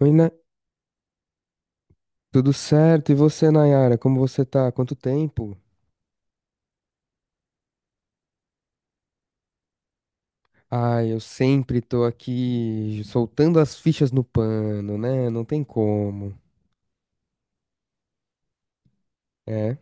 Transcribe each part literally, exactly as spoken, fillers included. Oi, né? Tudo certo? E você, Nayara? Como você tá? Quanto tempo? Ah, eu sempre tô aqui soltando as fichas no pano, né? Não tem como. É.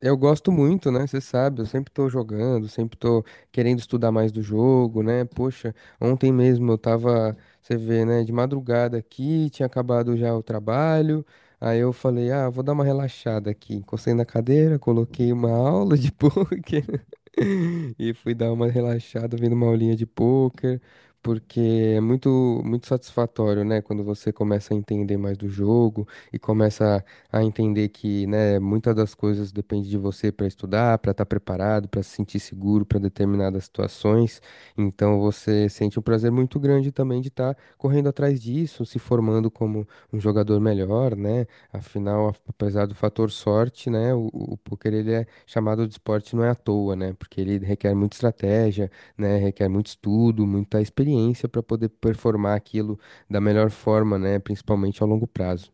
Eu gosto muito, né? Você sabe, eu sempre tô jogando, sempre tô querendo estudar mais do jogo, né? Poxa, ontem mesmo eu tava, você vê, né, de madrugada aqui, tinha acabado já o trabalho. Aí eu falei, ah, vou dar uma relaxada aqui. Encostei na cadeira, coloquei uma aula de poker e fui dar uma relaxada vendo uma aulinha de poker, porque é muito, muito satisfatório, né? Quando você começa a entender mais do jogo e começa a entender que, né, muitas das coisas depende de você para estudar, para estar preparado, para se sentir seguro para determinadas situações. Então você sente um prazer muito grande também de estar correndo atrás disso, se formando como um jogador melhor, né? Afinal, a- apesar do fator sorte, né, o, o poker ele é chamado de esporte não é à toa, né? Porque ele requer muita estratégia, né? Requer muito estudo, muita experiência para poder performar aquilo da melhor forma, né? Principalmente a longo prazo.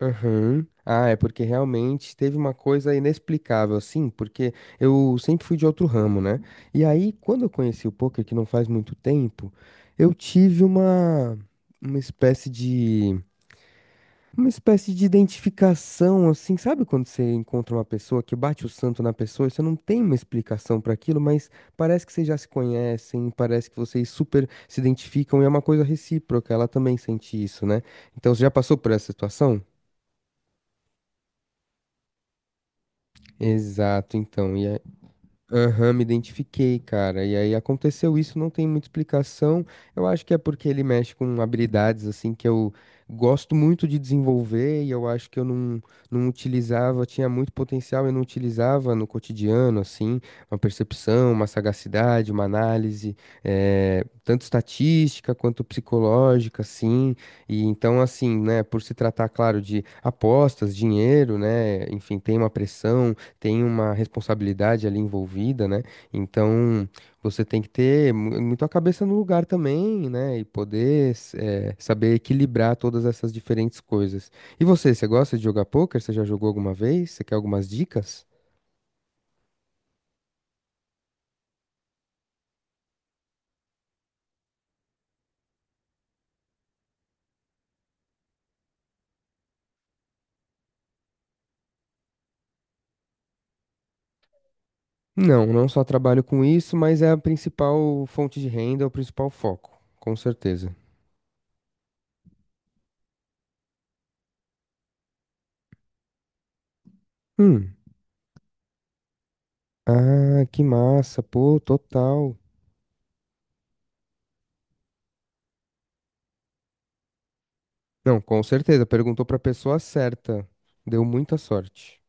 Aham. Ah, é porque realmente teve uma coisa inexplicável, assim, porque eu sempre fui de outro ramo, né? E aí, quando eu conheci o poker, que não faz muito tempo, eu tive uma, uma espécie de, uma espécie de identificação, assim, sabe quando você encontra uma pessoa que bate o santo na pessoa e você não tem uma explicação para aquilo, mas parece que vocês já se conhecem, parece que vocês super se identificam e é uma coisa recíproca, ela também sente isso, né? Então, você já passou por essa situação? Exato, então. E aí, aham, me identifiquei, cara. E aí aconteceu isso, não tem muita explicação. Eu acho que é porque ele mexe com habilidades assim que eu gosto muito de desenvolver e eu acho que eu não, não utilizava, tinha muito potencial e não utilizava no cotidiano, assim, uma percepção, uma sagacidade, uma análise, eh, tanto estatística quanto psicológica, assim. E então, assim, né, por se tratar, claro, de apostas, dinheiro, né, enfim, tem uma pressão, tem uma responsabilidade ali envolvida, né? Então você tem que ter mu- muito a cabeça no lugar também, né? E poder s- eh, saber equilibrar todas essas diferentes coisas. E você, você gosta de jogar poker? Você já jogou alguma vez? Você quer algumas dicas? Não, não só trabalho com isso, mas é a principal fonte de renda, é o principal foco, com certeza. Hum. Ah, que massa, pô, total. Não, com certeza, perguntou pra pessoa certa. Deu muita sorte.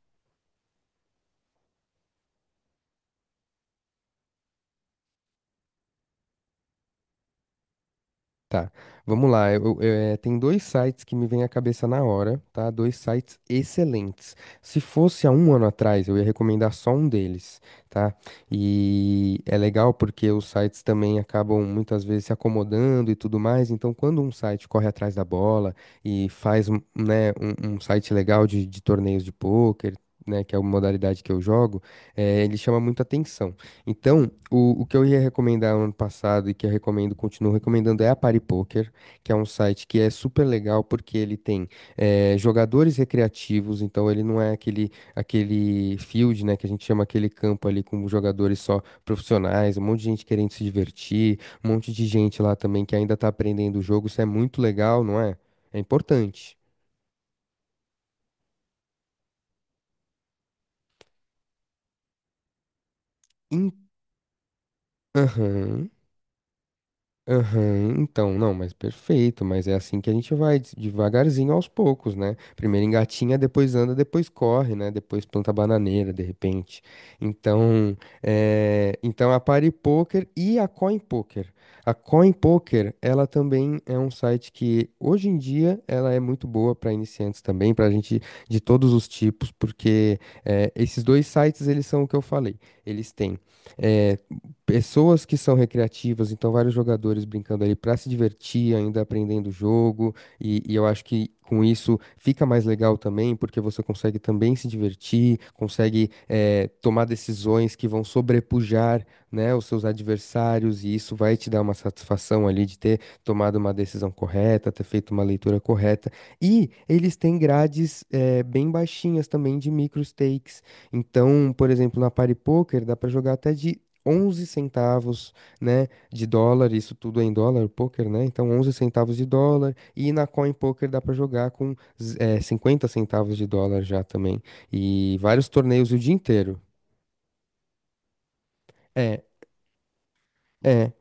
Tá, vamos lá. Eu- eu- é, tem dois sites que me vêm à cabeça na hora, tá? Dois sites excelentes. Se fosse há um ano atrás, eu ia recomendar só um deles, tá? E é legal porque os sites também acabam muitas vezes se acomodando e tudo mais. Então, quando um site corre atrás da bola e faz, um, né, um, um site legal de, de torneios de pôquer, né, que é uma modalidade que eu jogo, eh, ele chama muita atenção. Então, o, o que eu ia recomendar ano passado e que eu recomendo, continuo recomendando, é a Party Poker, que é um site que é super legal porque ele tem eh, jogadores recreativos, então ele não é aquele, aquele field, né, que a gente chama aquele campo ali com jogadores só profissionais, um monte de gente querendo se divertir, um monte de gente lá também que ainda tá aprendendo o jogo, isso é muito legal, não é? É importante. Aham. Aham, então, não, mas perfeito, mas é assim que a gente vai, des- devagarzinho aos poucos, né? Primeiro engatinha, depois anda, depois corre, né? Depois planta bananeira, de repente. Então, é, então a Party Poker e a Coin Poker. A Coin Poker, ela também é um site que hoje em dia ela é muito boa para iniciantes também, para gente de todos os tipos, porque é, esses dois sites eles são o que eu falei. Eles têm eh, pessoas que são recreativas, então vários jogadores brincando ali para se divertir, ainda aprendendo o jogo, e, e eu acho que com isso fica mais legal também, porque você consegue também se divertir, consegue eh, tomar decisões que vão sobrepujar, né, os seus adversários, e isso vai te dar uma satisfação ali de ter tomado uma decisão correta, ter feito uma leitura correta, e eles têm grades eh, bem baixinhas também de micro stakes, então, por exemplo, na Party Poker dá para jogar até de onze centavos, né, de dólar, isso tudo é em dólar, o poker, né? Então onze centavos de dólar e na Coin Poker dá pra jogar com z- eh, cinquenta centavos de dólar já também. E vários torneios o dia inteiro. É, é.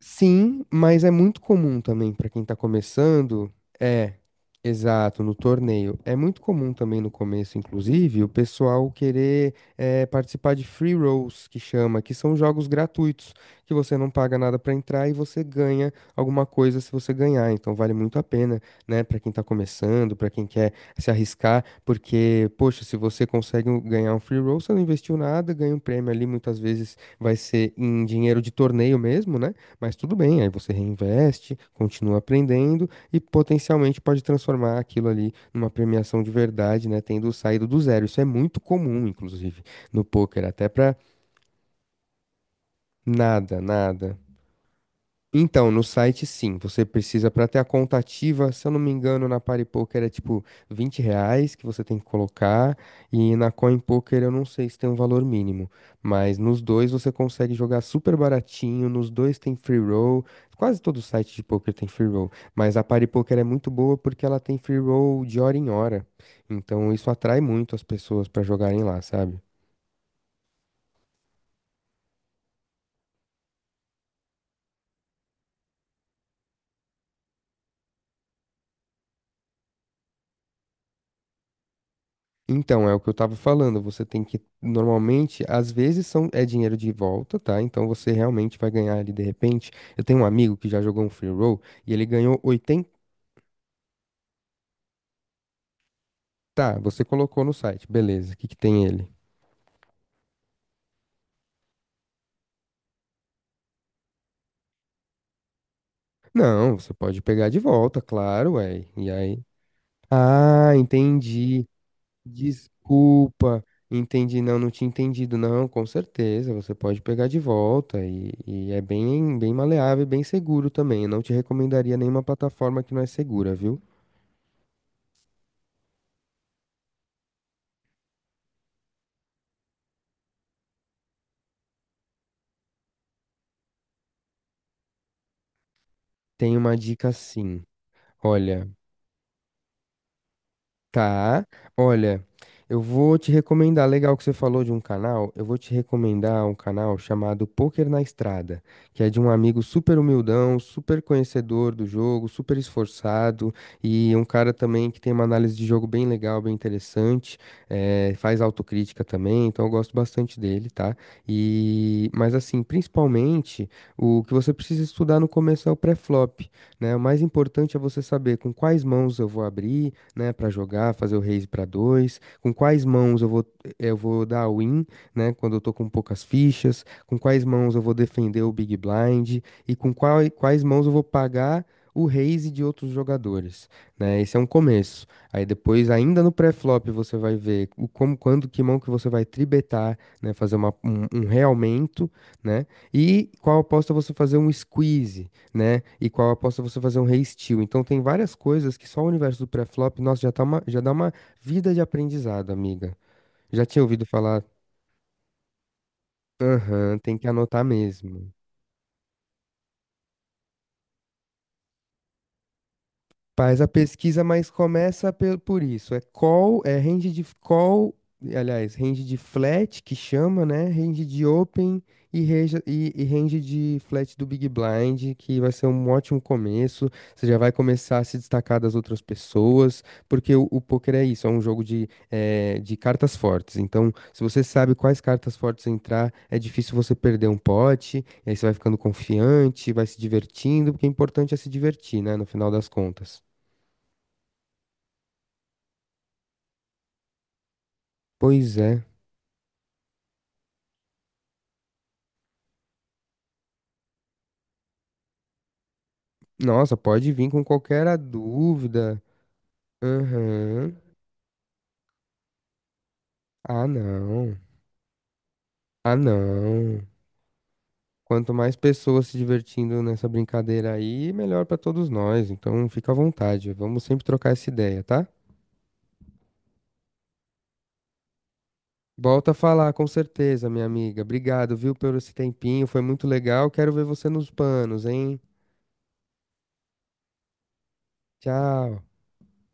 Sim, mas é muito comum também para quem tá começando. É, exato, no torneio. É muito comum também no começo, inclusive, o pessoal querer eh, participar de free rolls, que chama, que são jogos gratuitos, que você não paga nada para entrar e você ganha alguma coisa se você ganhar. Então vale muito a pena, né, para quem tá começando, para quem quer se arriscar, porque, poxa, se você consegue um- ganhar um free roll, você não investiu nada, ganha um prêmio ali, muitas vezes vai ser em dinheiro de torneio mesmo, né? Mas tudo bem, aí você reinveste, continua aprendendo e potencialmente pode transformar aquilo ali numa premiação de verdade, né? Tendo saído do zero. Isso é muito comum, inclusive, no poker, até para nada, nada. Então, no site sim, você precisa para ter a conta ativa, se eu não me engano, na PariPoker é tipo vinte reais que você tem que colocar, e na CoinPoker eu não sei se tem um valor mínimo, mas nos dois você consegue jogar super baratinho, nos dois tem free roll, quase todo site de poker tem free roll, mas a PariPoker é muito boa porque ela tem free roll de hora em hora, então isso atrai muito as pessoas para jogarem lá, sabe? Então, é o que eu tava falando. Você tem que, normalmente, às vezes são, é dinheiro de volta, tá? Então você realmente vai ganhar ali de repente. Eu tenho um amigo que já jogou um free roll e ele ganhou oitenta. Tá, você colocou no site, beleza. O que que tem ele? Não, você pode pegar de volta, claro, ué. E aí? Ah, entendi. Desculpa, entendi. Não, não tinha entendido. Não, com certeza, você pode pegar de volta, e, e é bem, bem maleável e bem seguro também. Eu não te recomendaria nenhuma plataforma que não é segura, viu? Tem uma dica sim. Olha. Tá, olha, eu vou te recomendar, legal que você falou de um canal, eu vou te recomendar um canal chamado Poker na Estrada, que é de um amigo super humildão, super conhecedor do jogo, super esforçado e um cara também que tem uma análise de jogo bem legal, bem interessante, eh, faz autocrítica também, então eu gosto bastante dele, tá? E, mas assim, principalmente, o que você precisa estudar no começo é o pré-flop, né? O mais importante é você saber com quais mãos eu vou abrir, né, para jogar, fazer o raise para dois, com quais mãos eu vou eh, eu vou dar a win, né, quando eu tô com poucas fichas, com quais mãos eu vou defender o big blind e com qual- quais mãos eu vou pagar o raise de outros jogadores, né? Esse é um começo. Aí depois, ainda no pré-flop, você vai ver o como, quando, que mão que você vai tribetar, né? Fazer uma- um, um realmento, né? E qual aposta você fazer um squeeze, né? E qual aposta você fazer um re-steal. Então tem várias coisas que só o universo do pré-flop, nossa, já tá uma, já dá uma vida de aprendizado, amiga. Já tinha ouvido falar, aham, tem que anotar mesmo. Faz a pesquisa, mas começa pe- por isso. É call, é range de call, aliás, range de flat, que chama, né? Range de open e, reja- e- e range de flat do Big Blind, que vai ser um ótimo começo. Você já vai começar a se destacar das outras pessoas, porque o, o poker é isso, é um jogo de, eh, de cartas fortes. Então, se você sabe quais cartas fortes entrar, é difícil você perder um pote, e aí você vai ficando confiante, vai se divertindo, porque o importante é se divertir, né? No final das contas. Pois é. Nossa, pode vir com qualquer a dúvida. Aham. Ah, não. Ah, não. Quanto mais pessoas se divertindo nessa brincadeira aí, melhor pra todos nós. Então, fica à vontade. Vamos sempre trocar essa ideia, tá? Volta a falar, com certeza, minha amiga. Obrigado, viu, por esse tempinho. Foi muito legal. Quero ver você nos panos, hein? Tchau.